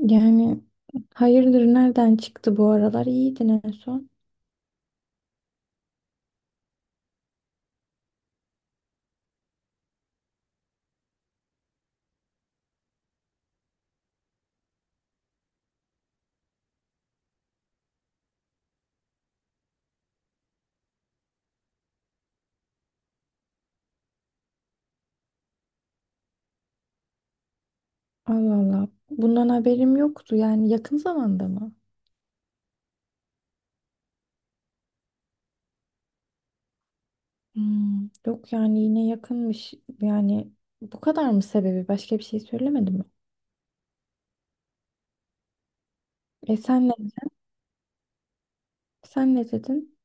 Yani Hayırdır nereden çıktı bu aralar? İyiydin en son. Allah Allah. Bundan haberim yoktu. Yani yakın zamanda mı? Hmm, yok yani yine yakınmış. Yani bu kadar mı sebebi? Başka bir şey söylemedi mi? E sen ne, Sen ne dedin?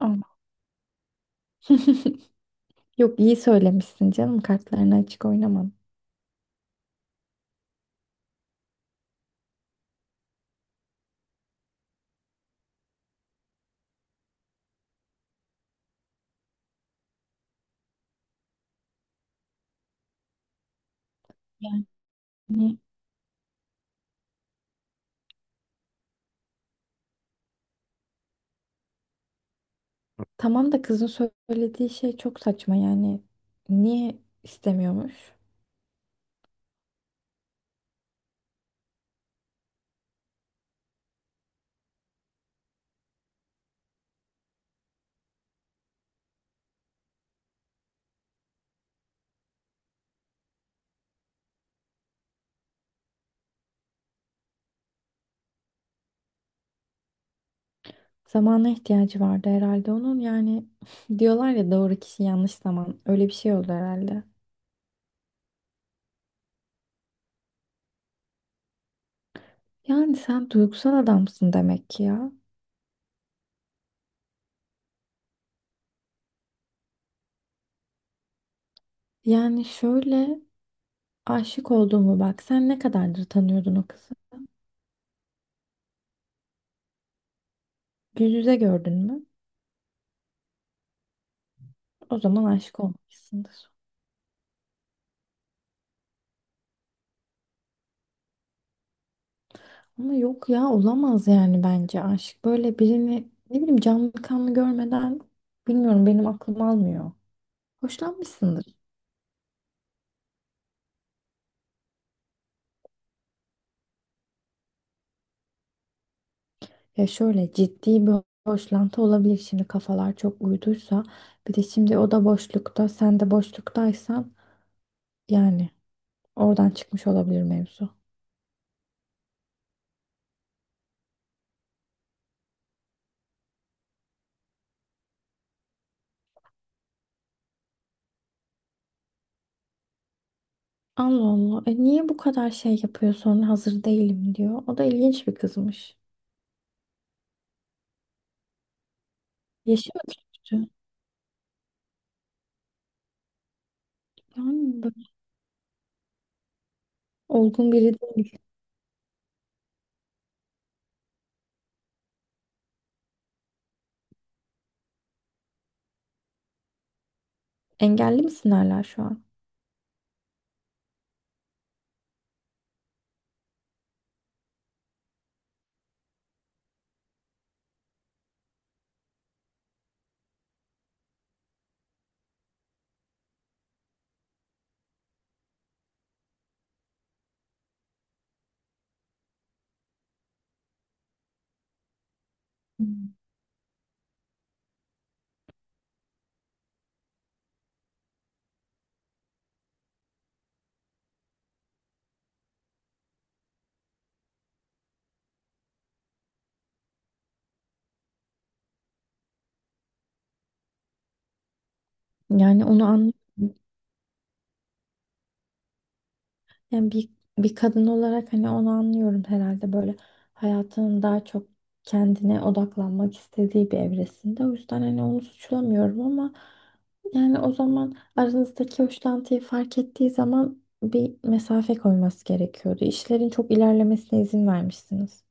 Allah. Yok, iyi söylemişsin canım. Kartlarını açık oynamam. Yani tamam da kızın söylediği şey çok saçma yani. Niye istemiyormuş? Zamana ihtiyacı vardı herhalde onun. Yani diyorlar ya, doğru kişi yanlış zaman. Öyle bir şey oldu herhalde. Yani sen duygusal adamsın demek ki ya. Yani şöyle, aşık olduğumu bak. Sen ne kadardır tanıyordun o kızı? Yüz yüze gördün mü? O zaman aşık olmuşsundur. Ama yok ya, olamaz yani bence aşk. Böyle birini ne bileyim canlı kanlı görmeden bilmiyorum, benim aklım almıyor. Hoşlanmışsındır. Ya şöyle, ciddi bir boşlantı olabilir şimdi, kafalar çok uyduysa. Bir de şimdi o da boşlukta, sen de boşluktaysan yani oradan çıkmış olabilir mevzu. Allah Allah. E niye bu kadar şey yapıyor sonra hazır değilim diyor. O da ilginç bir kızmış. Yaşı mı küçüktü? Yani böyle olgun biri değil. Engelli mi hala şu an? Hmm. Yani onu anlamadım. Yani bir, Bir kadın olarak hani onu anlıyorum herhalde, böyle hayatının daha çok kendine odaklanmak istediği bir evresinde. O yüzden hani onu suçlamıyorum ama yani o zaman aranızdaki hoşlantıyı fark ettiği zaman bir mesafe koyması gerekiyordu. İşlerin çok ilerlemesine izin vermişsiniz.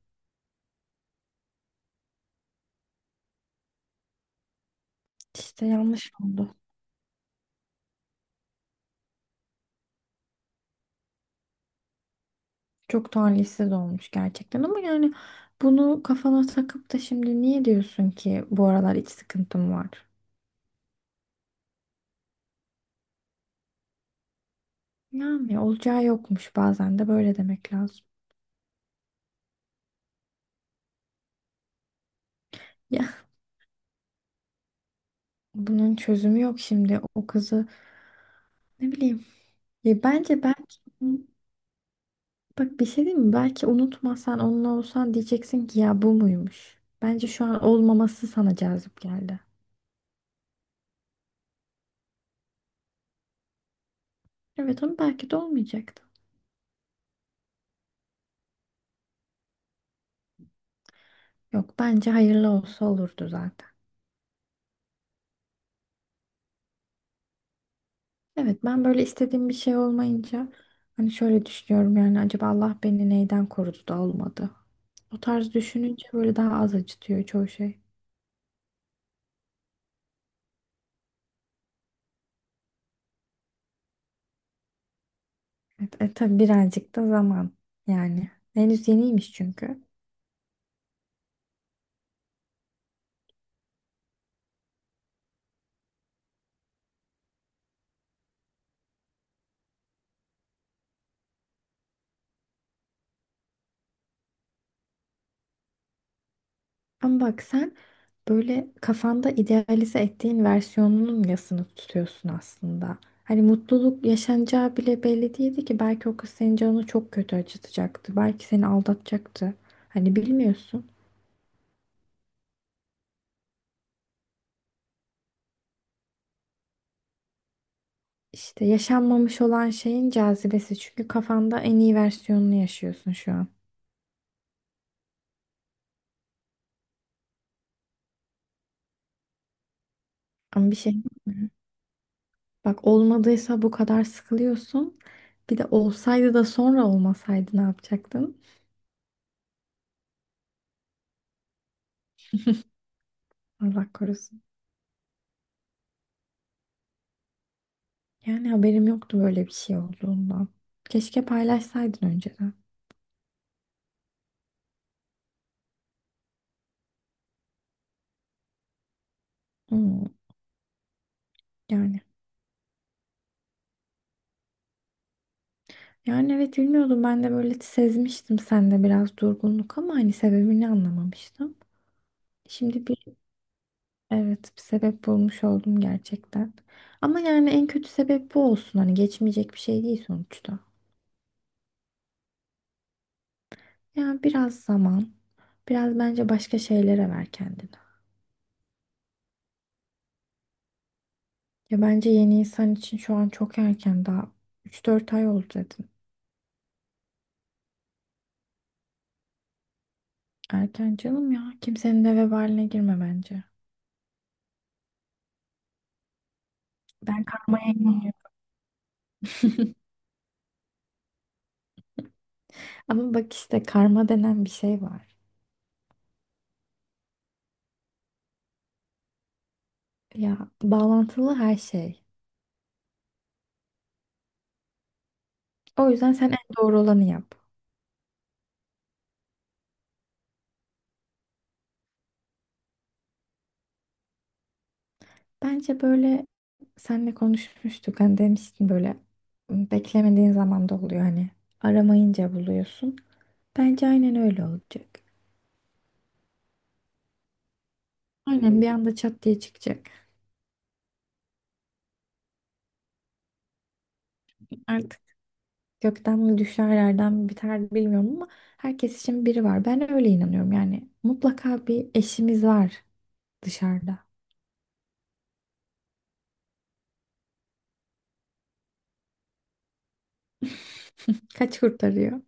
İşte yanlış oldu. Çok talihsiz olmuş gerçekten ama yani bunu kafana takıp da şimdi niye diyorsun ki bu aralar iç sıkıntım var? Yani olacağı yokmuş, bazen de böyle demek lazım. Ya bunun çözümü yok şimdi, o kızı ne bileyim. Ya bence belki, bak bir şey diyeyim mi? Belki unutmasan onunla olsan, diyeceksin ki ya bu muymuş? Bence şu an olmaması sana cazip geldi. Evet ama belki de olmayacaktı. Yok, bence hayırlı olsa olurdu zaten. Evet, ben böyle istediğim bir şey olmayınca hani şöyle düşünüyorum, yani acaba Allah beni neyden korudu da olmadı. O tarz düşününce böyle daha az acıtıyor çoğu şey. Evet, E, tabii birazcık da zaman yani. Henüz yeniymiş çünkü. Ama bak sen böyle kafanda idealize ettiğin versiyonunun yasını tutuyorsun aslında. Hani mutluluk yaşanacağı bile belli değildi ki, belki o kız senin canını çok kötü acıtacaktı. Belki seni aldatacaktı. Hani bilmiyorsun. İşte yaşanmamış olan şeyin cazibesi, çünkü kafanda en iyi versiyonunu yaşıyorsun şu an. Ama bir şey. Bak, olmadıysa bu kadar sıkılıyorsun. Bir de olsaydı da sonra olmasaydı ne yapacaktın? Allah korusun. Yani haberim yoktu böyle bir şey olduğundan. Keşke paylaşsaydın önceden. Hmm, yani. Yani evet, bilmiyordum, ben de böyle sezmiştim sende biraz durgunluk ama hani sebebini anlamamıştım. Şimdi bir Evet, bir sebep bulmuş oldum gerçekten. Ama yani en kötü sebep bu olsun, hani geçmeyecek bir şey değil sonuçta. Yani biraz zaman, Biraz bence başka şeylere ver kendini. Ya bence yeni insan için şu an çok erken, daha üç dört ay oldu dedin. Erken canım ya. Kimsenin de vebaline girme bence. Ben karmaya inanıyorum. Ama bak, işte karma denen bir şey var. Ya, bağlantılı her şey. O yüzden sen en doğru olanı yap. Bence böyle, senle konuşmuştuk. Hani demiştin böyle, "Hmm, beklemediğin zaman da oluyor hani. Aramayınca buluyorsun." Bence aynen öyle olacak. Aynen bir anda çat diye çıkacak. Artık gökten mi düşer yerden mi biter bilmiyorum ama herkes için biri var. Ben öyle inanıyorum yani. Mutlaka bir eşimiz var dışarıda. Kaç kurtarıyor?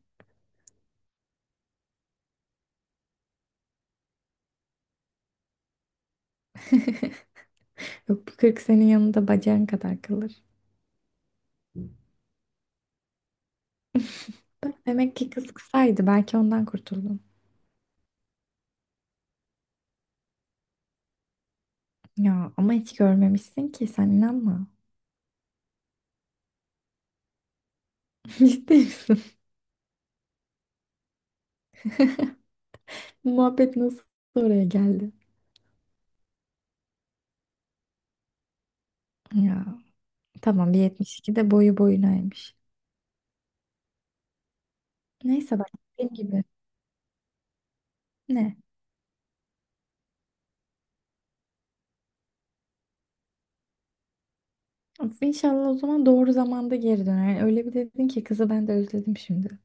Yok, bu 40 senin yanında bacağın kadar kalır. Bak, demek ki kız kısaydı, belki ondan kurtuldun. Ya ama hiç görmemişsin ki sen, inanma. Ciddi misin? Muhabbet nasıl oraya geldi? Ya tamam, bir 72 de boyu boyunaymış. Neyse bak, dediğim gibi. Ne? Of, İnşallah o zaman doğru zamanda geri döner. Yani öyle bir dedin ki kızı, ben de özledim şimdi.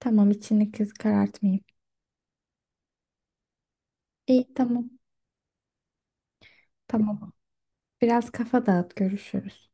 Tamam, içini kız karartmayayım. İyi, tamam. Biraz kafa dağıt, görüşürüz.